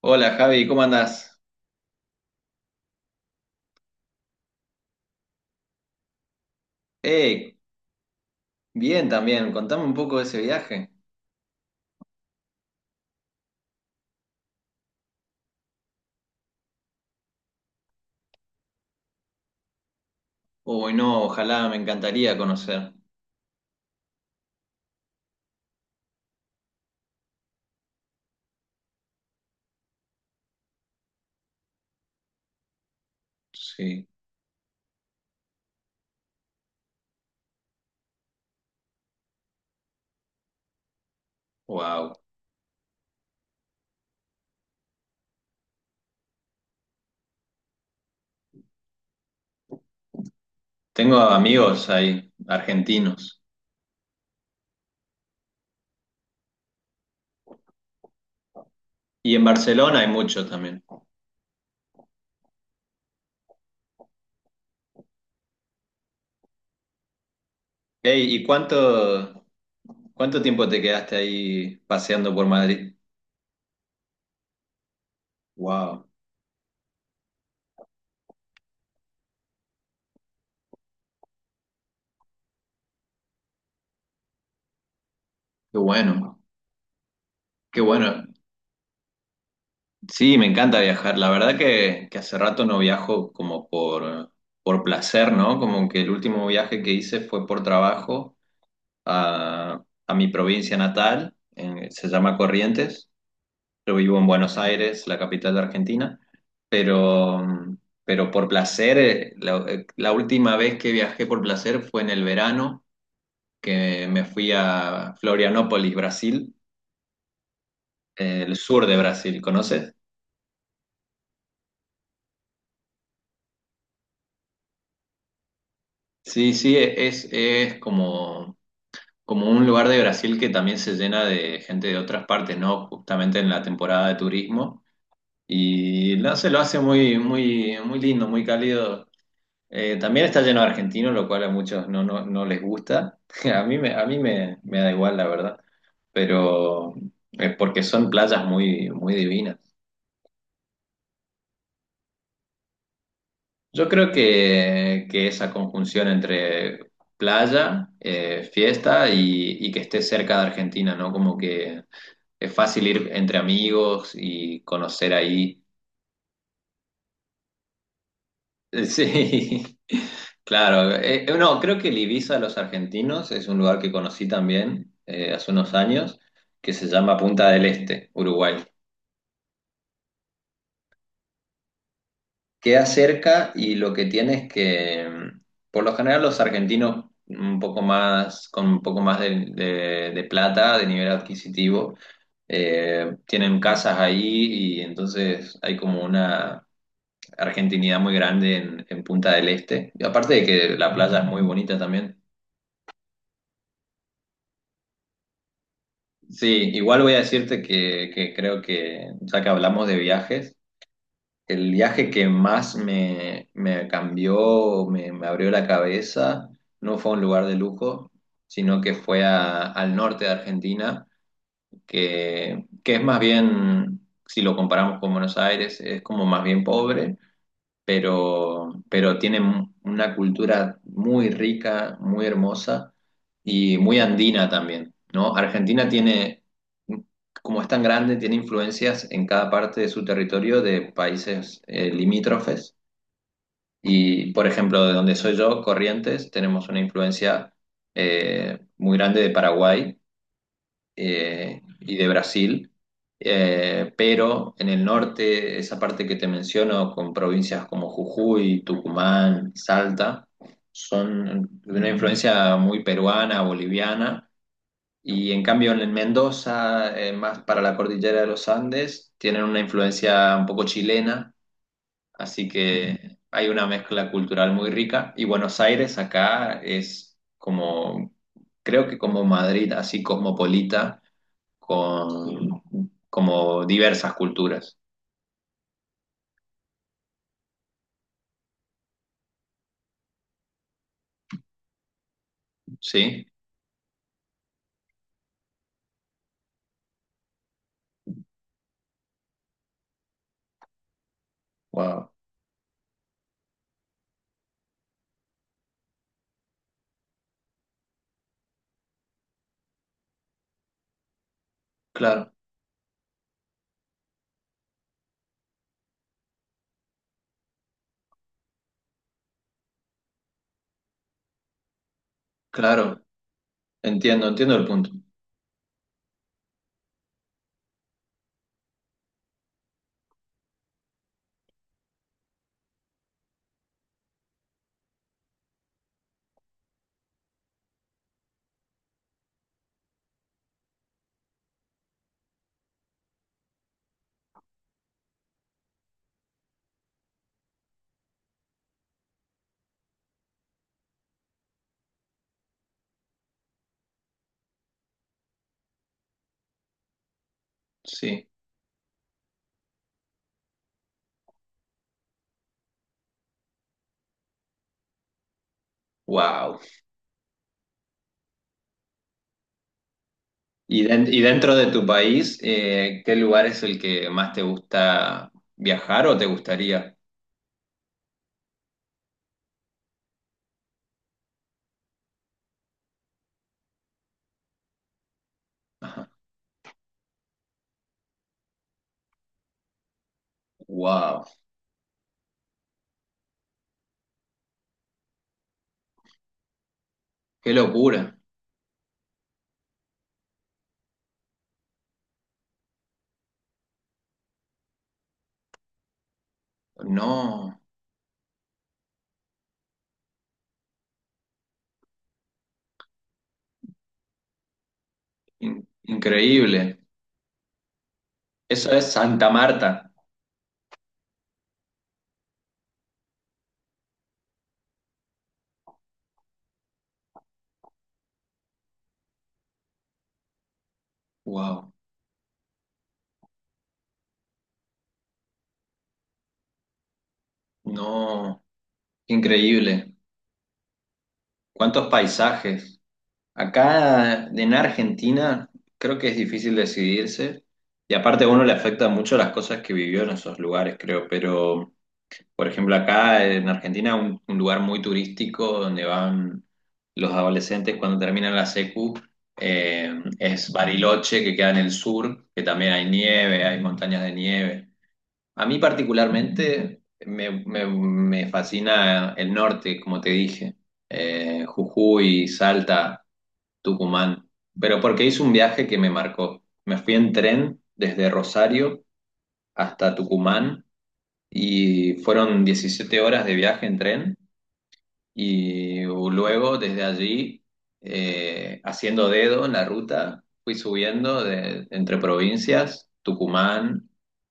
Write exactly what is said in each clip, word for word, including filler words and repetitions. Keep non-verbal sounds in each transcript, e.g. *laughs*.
Hola Javi, ¿cómo andás? Eh, Bien también, contame un poco de ese viaje. Uy, no, ojalá, me encantaría conocer. Sí, wow. Tengo amigos ahí, argentinos. Y en Barcelona hay muchos también. Ey, ¿y cuánto, cuánto tiempo te quedaste ahí paseando por Madrid? Wow, qué bueno, qué bueno. Sí, me encanta viajar. La verdad que, que hace rato no viajo como por, por placer, ¿no? Como que el último viaje que hice fue por trabajo a, a mi provincia natal, en- se llama Corrientes. Yo vivo en Buenos Aires, la capital de Argentina, pero, pero por placer, eh, la, eh, la última vez que viajé por placer fue en el verano, que me fui a Florianópolis, Brasil, eh, el sur de Brasil, ¿conoces? Sí, sí, e, es, es como, como un lugar de Brasil que también se llena de gente de otras partes, ¿no? Justamente en la temporada de turismo. Y no se lo hace muy, muy, muy lindo, muy cálido. Eh, también está lleno de argentinos, lo cual a muchos no, no, no les gusta. *laughs* A mí me, a mí me, me da igual, la verdad. Pero es porque son playas muy, muy divinas. Yo creo que, que esa conjunción entre playa, eh, fiesta y, y que esté cerca de Argentina, ¿no? Como que es fácil ir entre amigos y conocer ahí. Sí, *laughs* claro. Eh, eh, no, creo que el Ibiza de los argentinos es un lugar que conocí también eh, hace unos años, que se llama Punta del Este, Uruguay. Queda cerca y lo que tiene es que, mm, por lo general, los argentinos un poco más, con un poco más de, de- de plata, de nivel adquisitivo, eh, tienen casas ahí y entonces hay como una argentinidad muy grande en, en Punta del Este. Y aparte de que la playa es muy bonita también. Sí, igual voy a decirte que, que creo que, ya que hablamos de viajes, el viaje que más me, me cambió, me, me abrió la cabeza, no fue a un lugar de lujo, sino que fue a- al norte de Argentina, que, que es más bien, si lo comparamos con Buenos Aires, es como más bien pobre, pero, pero tienen una cultura muy rica, muy hermosa y muy andina también, ¿no? Argentina tiene, como es tan grande, tiene influencias en cada parte de su territorio de países eh, limítrofes. Y, por ejemplo, de donde soy yo, Corrientes, tenemos una influencia eh, muy grande de Paraguay eh, y de Brasil, eh, pero en el norte, esa parte que te menciono, con provincias como Jujuy, Tucumán, Salta, son de una influencia muy peruana, boliviana, y en cambio en Mendoza, eh, más para la cordillera de los Andes, tienen una influencia un poco chilena, así que hay una mezcla cultural muy rica, y Buenos Aires acá es como... Creo que como Madrid, así cosmopolita, con como diversas culturas, ¿sí? Wow, claro, claro, entiendo, entiendo el punto, sí, wow. Y, den- y dentro de tu país, eh, ¿qué lugar es el que más te gusta viajar o te gustaría? Ajá. Wow, qué locura, no, in- increíble. Eso es Santa Marta, wow, no, increíble. ¿Cuántos paisajes? Acá en Argentina creo que es difícil decidirse y aparte a uno le afecta mucho las cosas que vivió en esos lugares, creo, pero por ejemplo acá en Argentina un, un lugar muy turístico donde van los adolescentes cuando terminan la secu eh, es Bariloche que queda en el sur, que también hay nieve, hay montañas de nieve. A mí particularmente me, me- me fascina el norte, como te dije. Eh, Jujuy, Salta. Tucumán, pero porque hice un viaje que me marcó. Me fui en tren desde Rosario hasta Tucumán y fueron diecisiete horas de viaje en tren y luego desde allí, eh, haciendo dedo en la ruta, fui subiendo de- entre provincias, Tucumán,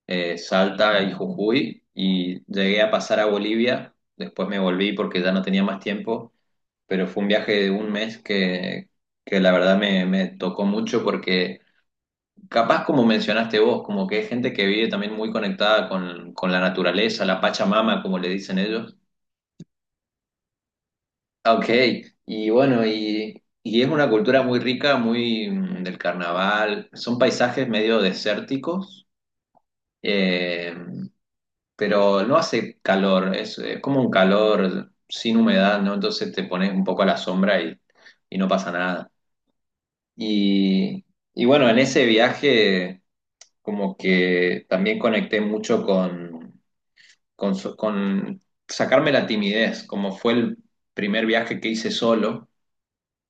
eh, Salta y Jujuy y llegué a pasar a Bolivia. Después me volví porque ya no tenía más tiempo pero fue un viaje de un mes que, que la verdad me, me tocó mucho porque capaz como mencionaste vos, como que hay gente que vive también muy conectada con, con la naturaleza, la Pachamama, como le dicen ellos. Ah, ok, y bueno, y, y es una cultura muy rica, muy mm, del carnaval, son paisajes medio desérticos, eh, pero no hace calor, es, es como un calor sin humedad, ¿no? Entonces te pones un poco a la sombra y, y no pasa nada. Y, y bueno, en ese viaje como que también conecté mucho con, con, so- con sacarme la timidez, como fue el primer viaje que hice solo,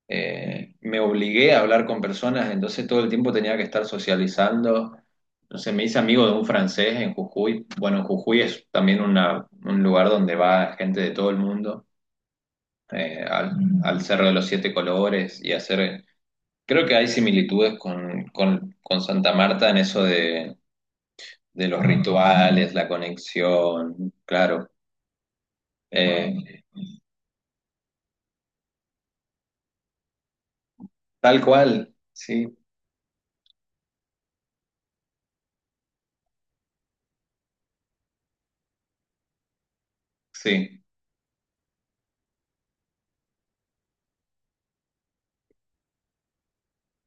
eh, me obligué a hablar con personas, entonces todo el tiempo tenía que estar socializando. Entonces me hice amigo de un francés en Jujuy. Bueno, Jujuy es también una, un lugar donde va gente de todo el mundo, eh, al, al Cerro de los Siete Colores y hacer creo que hay similitudes con, con- con Santa Marta en eso de, de los rituales, la conexión, claro. Eh, tal cual, sí, sí.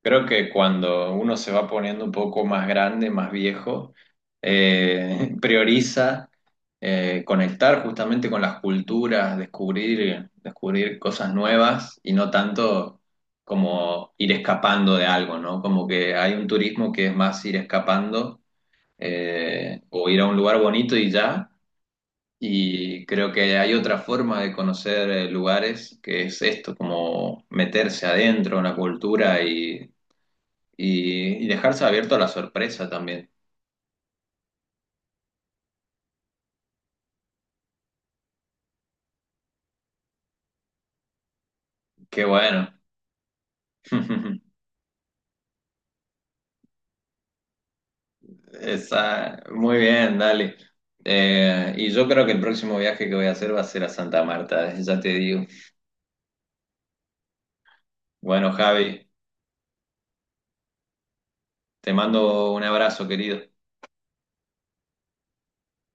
Creo que cuando uno se va poniendo un poco más grande, más viejo, eh, *laughs* prioriza eh, conectar justamente con las culturas, descubrir, descubrir cosas nuevas y no tanto como ir escapando de algo, ¿no? Como que hay un turismo que es más ir escapando eh, o ir a un lugar bonito y ya. Y creo que hay otra forma de conocer eh, lugares, que es esto, como meterse adentro en la cultura y, y- y dejarse abierto a la sorpresa también. Qué bueno. *laughs* Está muy bien, dale. Eh, y yo creo que el próximo viaje que voy a hacer va a ser a Santa Marta, ya te digo. Bueno, Javi, te mando un abrazo, querido.